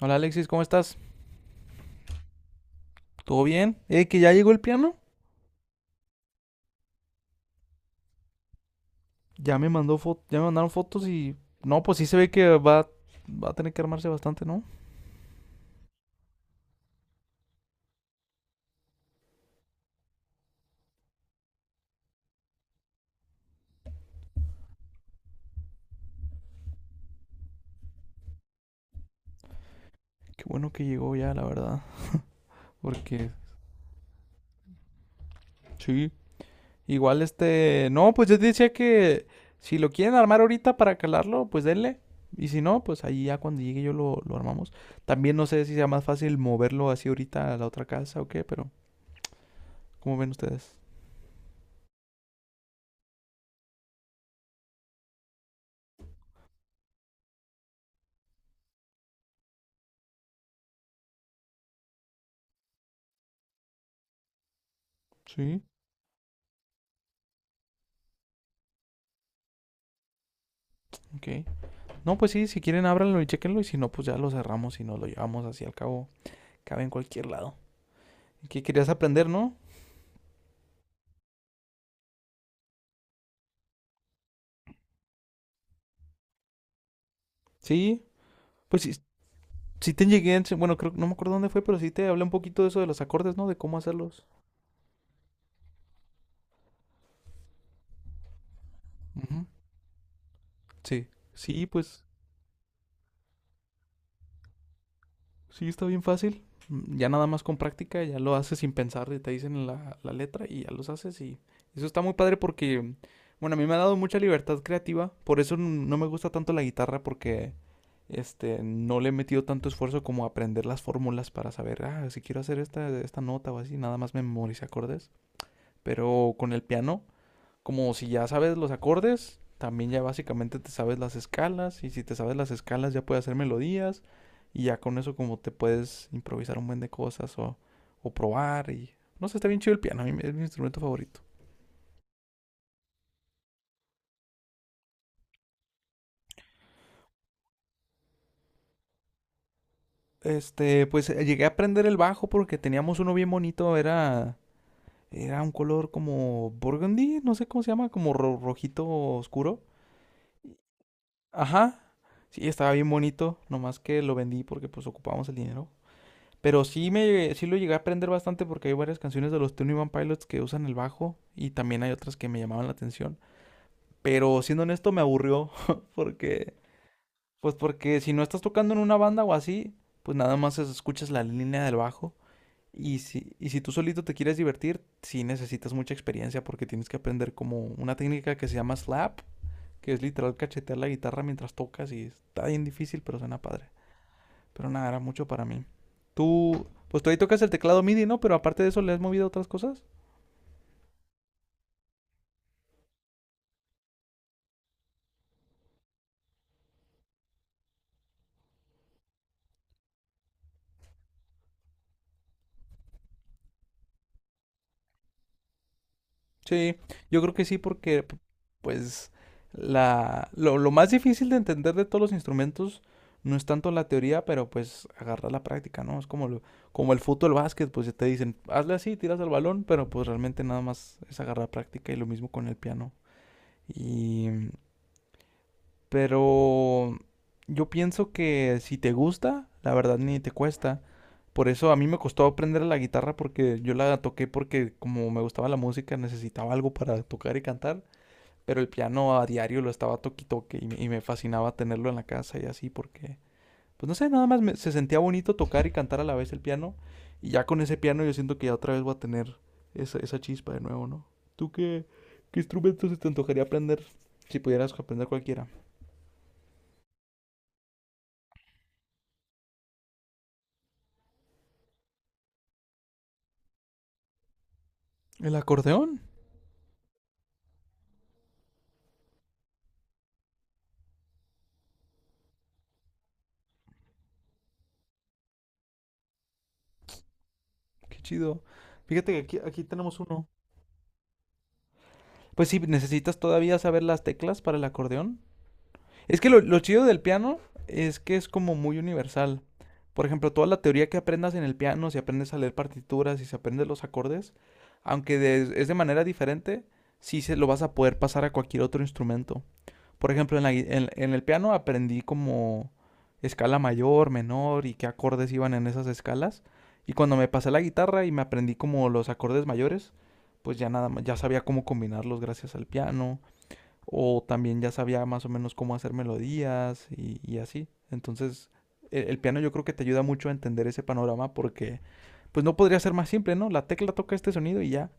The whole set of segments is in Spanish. Hola Alexis, ¿cómo estás? ¿Todo bien? Que ya llegó el piano. Ya me mandaron fotos y no, pues sí se ve que va a tener que armarse bastante, ¿no? Qué bueno que llegó ya, la verdad, porque sí, igual no, pues yo decía que si lo quieren armar ahorita para calarlo, pues denle. Y si no, pues ahí ya cuando llegue yo lo armamos. También no sé si sea más fácil moverlo así ahorita a la otra casa o qué, pero ¿cómo ven ustedes? Sí, ok. No, pues sí, si quieren ábranlo y chequenlo y si no, pues ya lo cerramos y nos lo llevamos así al cabo. Cabe en cualquier lado. ¿Qué querías aprender, no? Sí, pues sí, sí te llegué, bueno, creo, no me acuerdo dónde fue, pero sí te hablé un poquito de eso de los acordes, ¿no? De cómo hacerlos. Ujú. Sí, sí, pues sí, está bien fácil. Ya nada más con práctica, ya lo haces sin pensar, y te dicen la letra y ya los haces y eso está muy padre porque, bueno, a mí me ha dado mucha libertad creativa, por eso no me gusta tanto la guitarra porque no le he metido tanto esfuerzo como aprender las fórmulas para saber, ah, si quiero hacer esta nota o así, nada más me memoricé acordes. Pero con el piano, como si ya sabes los acordes, también ya básicamente te sabes las escalas, y si te sabes las escalas ya puedes hacer melodías, y ya con eso como te puedes improvisar un buen de cosas o probar, y no sé, está bien chido el piano, a mí es mi instrumento favorito. Pues llegué a aprender el bajo porque teníamos uno bien bonito, era un color como burgundy, no sé cómo se llama, como rojito oscuro. Ajá. Sí, estaba bien bonito, nomás que lo vendí porque pues ocupábamos el dinero. Pero sí lo llegué a aprender bastante porque hay varias canciones de los Twenty One Pilots que usan el bajo y también hay otras que me llamaban la atención. Pero siendo honesto me aburrió porque pues porque si no estás tocando en una banda o así, pues nada más escuchas la línea del bajo. Y si tú solito te quieres divertir, sí necesitas mucha experiencia porque tienes que aprender como una técnica que se llama slap, que es literal cachetear la guitarra mientras tocas y está bien difícil, pero suena padre. Pero nada, era mucho para mí. Pues tú ahí tocas el teclado MIDI, ¿no? Pero aparte de eso, ¿le has movido a otras cosas? Sí, yo creo que sí, porque pues lo más difícil de entender de todos los instrumentos no es tanto la teoría, pero pues agarrar la práctica, ¿no? Es como como el fútbol, el básquet, pues ya te dicen, hazle así, tiras al balón, pero pues realmente nada más es agarrar práctica y lo mismo con el piano. Y pero yo pienso que si te gusta, la verdad ni te cuesta. Por eso a mí me costó aprender la guitarra porque yo la toqué porque como me gustaba la música necesitaba algo para tocar y cantar. Pero el piano a diario lo estaba toque y toque y me fascinaba tenerlo en la casa y así porque, pues no sé, nada más me- se sentía bonito tocar y cantar a la vez el piano. Y ya con ese piano yo siento que ya otra vez voy a tener esa chispa de nuevo, ¿no? ¿Tú qué, ¿Qué instrumento se te antojaría aprender si pudieras aprender cualquiera? El acordeón, qué chido. Fíjate que aquí tenemos uno. Pues sí, necesitas todavía saber las teclas para el acordeón. Es que lo chido del piano es que es como muy universal. Por ejemplo, toda la teoría que aprendas en el piano, si aprendes a leer partituras, si se aprendes los acordes, aunque es de manera diferente, sí se lo vas a poder pasar a cualquier otro instrumento. Por ejemplo, en, la gui- en el piano aprendí como escala mayor, menor y qué acordes iban en esas escalas. Y cuando me pasé a la guitarra y me aprendí como los acordes mayores, pues ya nada más, ya sabía cómo combinarlos gracias al piano o también ya sabía más o menos cómo hacer melodías y así. Entonces, piano yo creo que te ayuda mucho a entender ese panorama porque, pues no podría ser más simple, ¿no? La tecla toca este sonido y ya.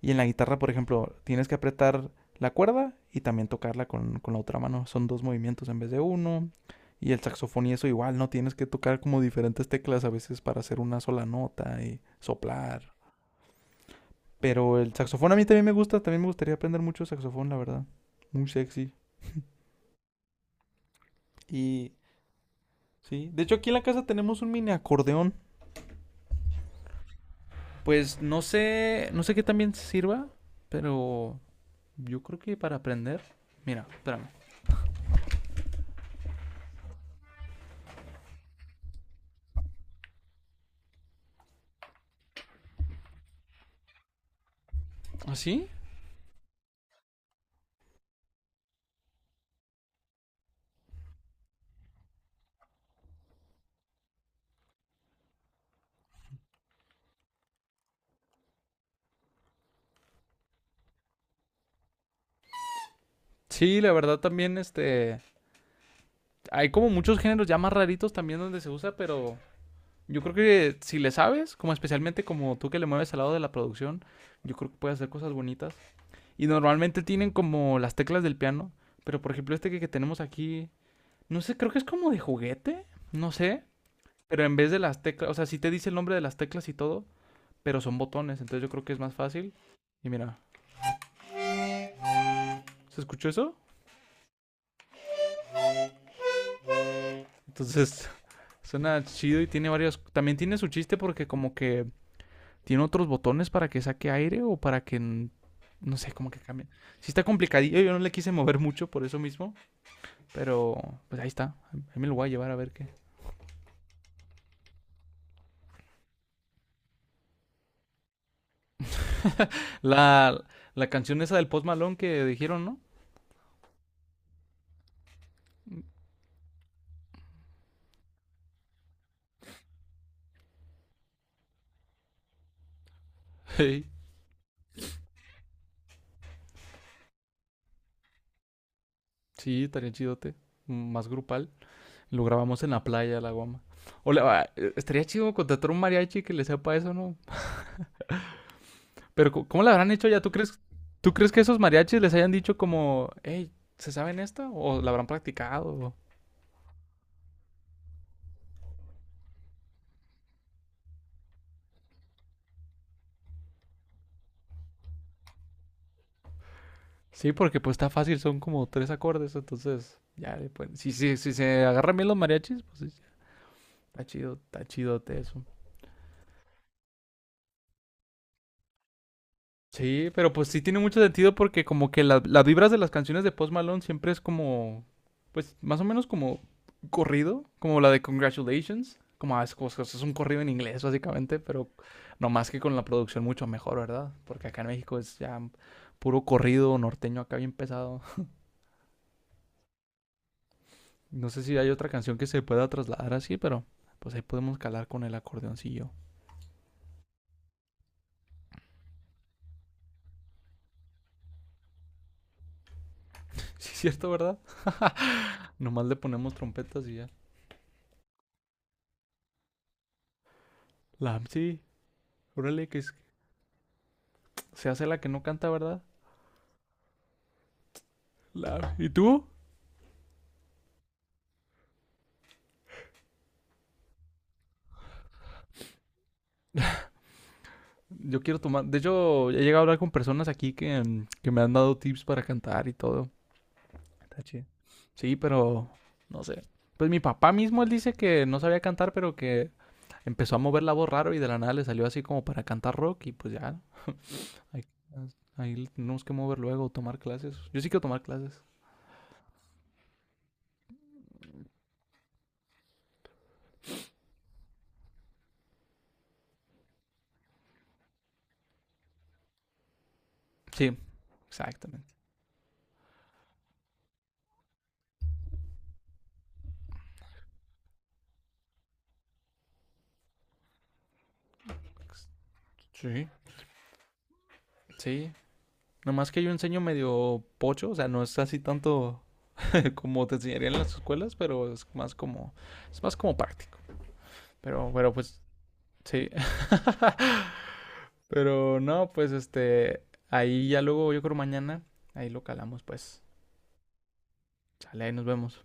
Y en la guitarra, por ejemplo, tienes que apretar la cuerda y también tocarla con la otra mano. Son dos movimientos en vez de uno. Y el saxofón y eso igual, ¿no? Tienes que tocar como diferentes teclas a veces para hacer una sola nota y soplar. Pero el saxofón a mí también me gusta, también me gustaría aprender mucho saxofón, la verdad. Muy sexy. Y sí, de hecho aquí en la casa tenemos un mini acordeón. Pues no sé, no sé qué también sirva, pero yo creo que para aprender. Mira, espérame. ¿Así? Sí, la verdad también hay como muchos géneros ya más raritos también donde se usa, pero yo creo que si le sabes, como especialmente como tú que le mueves al lado de la producción, yo creo que puedes hacer cosas bonitas. Y normalmente tienen como las teclas del piano, pero por ejemplo que tenemos aquí, no sé, creo que es como de juguete, no sé. Pero en vez de las teclas, o sea, sí te dice el nombre de las teclas y todo, pero son botones, entonces yo creo que es más fácil. Y mira, ¿se escuchó eso? Entonces suena chido y tiene varios... También tiene su chiste porque como que tiene otros botones para que saque aire o para que... No sé, como que cambien. Sí está complicadillo, yo no le quise mover mucho por eso mismo, pero pues ahí está. Ahí me lo voy a llevar a ver qué. La, la canción esa del Post Malone que dijeron, ¿no? Hey, sí, estaría chidote. Más grupal. Lo grabamos en la playa, la guama. O la estaría chido contratar un mariachi que le sepa eso, ¿no? Pero ¿cómo lo habrán hecho ya? ¿Tú crees que esos mariachis les hayan dicho como, hey, ¿se saben esta? ¿O la habrán practicado? Sí, porque pues está fácil, son como tres acordes, entonces ya, si, si se agarran bien los mariachis, pues sí, está chido, está chidote eso. Sí, pero pues sí tiene mucho sentido porque como que las vibras de las canciones de Post Malone siempre es como, pues más o menos como corrido, como la de Congratulations, como ah, es un corrido en inglés básicamente, pero no más que con la producción mucho mejor, ¿verdad? Porque acá en México es ya puro corrido norteño acá bien pesado. No sé si hay otra canción que se pueda trasladar así, pero pues ahí podemos calar con el acordeoncillo. Sí, es cierto, ¿verdad? Nomás le ponemos trompetas y ya. Sí, órale, se hace la que no canta, ¿verdad? ¿Y tú? Yo quiero tomar. De hecho, he llegado a hablar con personas aquí que, que me han dado tips para cantar y todo. Está chido. Sí, pero no sé. Pues mi papá mismo, él dice que no sabía cantar, pero que empezó a mover la voz raro y de la nada le salió así como para cantar rock y pues ya. Ahí, Ahí le tenemos que mover luego, tomar clases. Yo sí quiero tomar clases. Sí, exactamente. Sí. Sí. Nomás que yo enseño medio pocho, o sea, no es así tanto como te enseñarían en las escuelas, pero es más como práctico. Pues, sí. Pero no, Pues ahí ya luego, yo creo mañana, ahí lo calamos, pues. Chale, ahí nos vemos.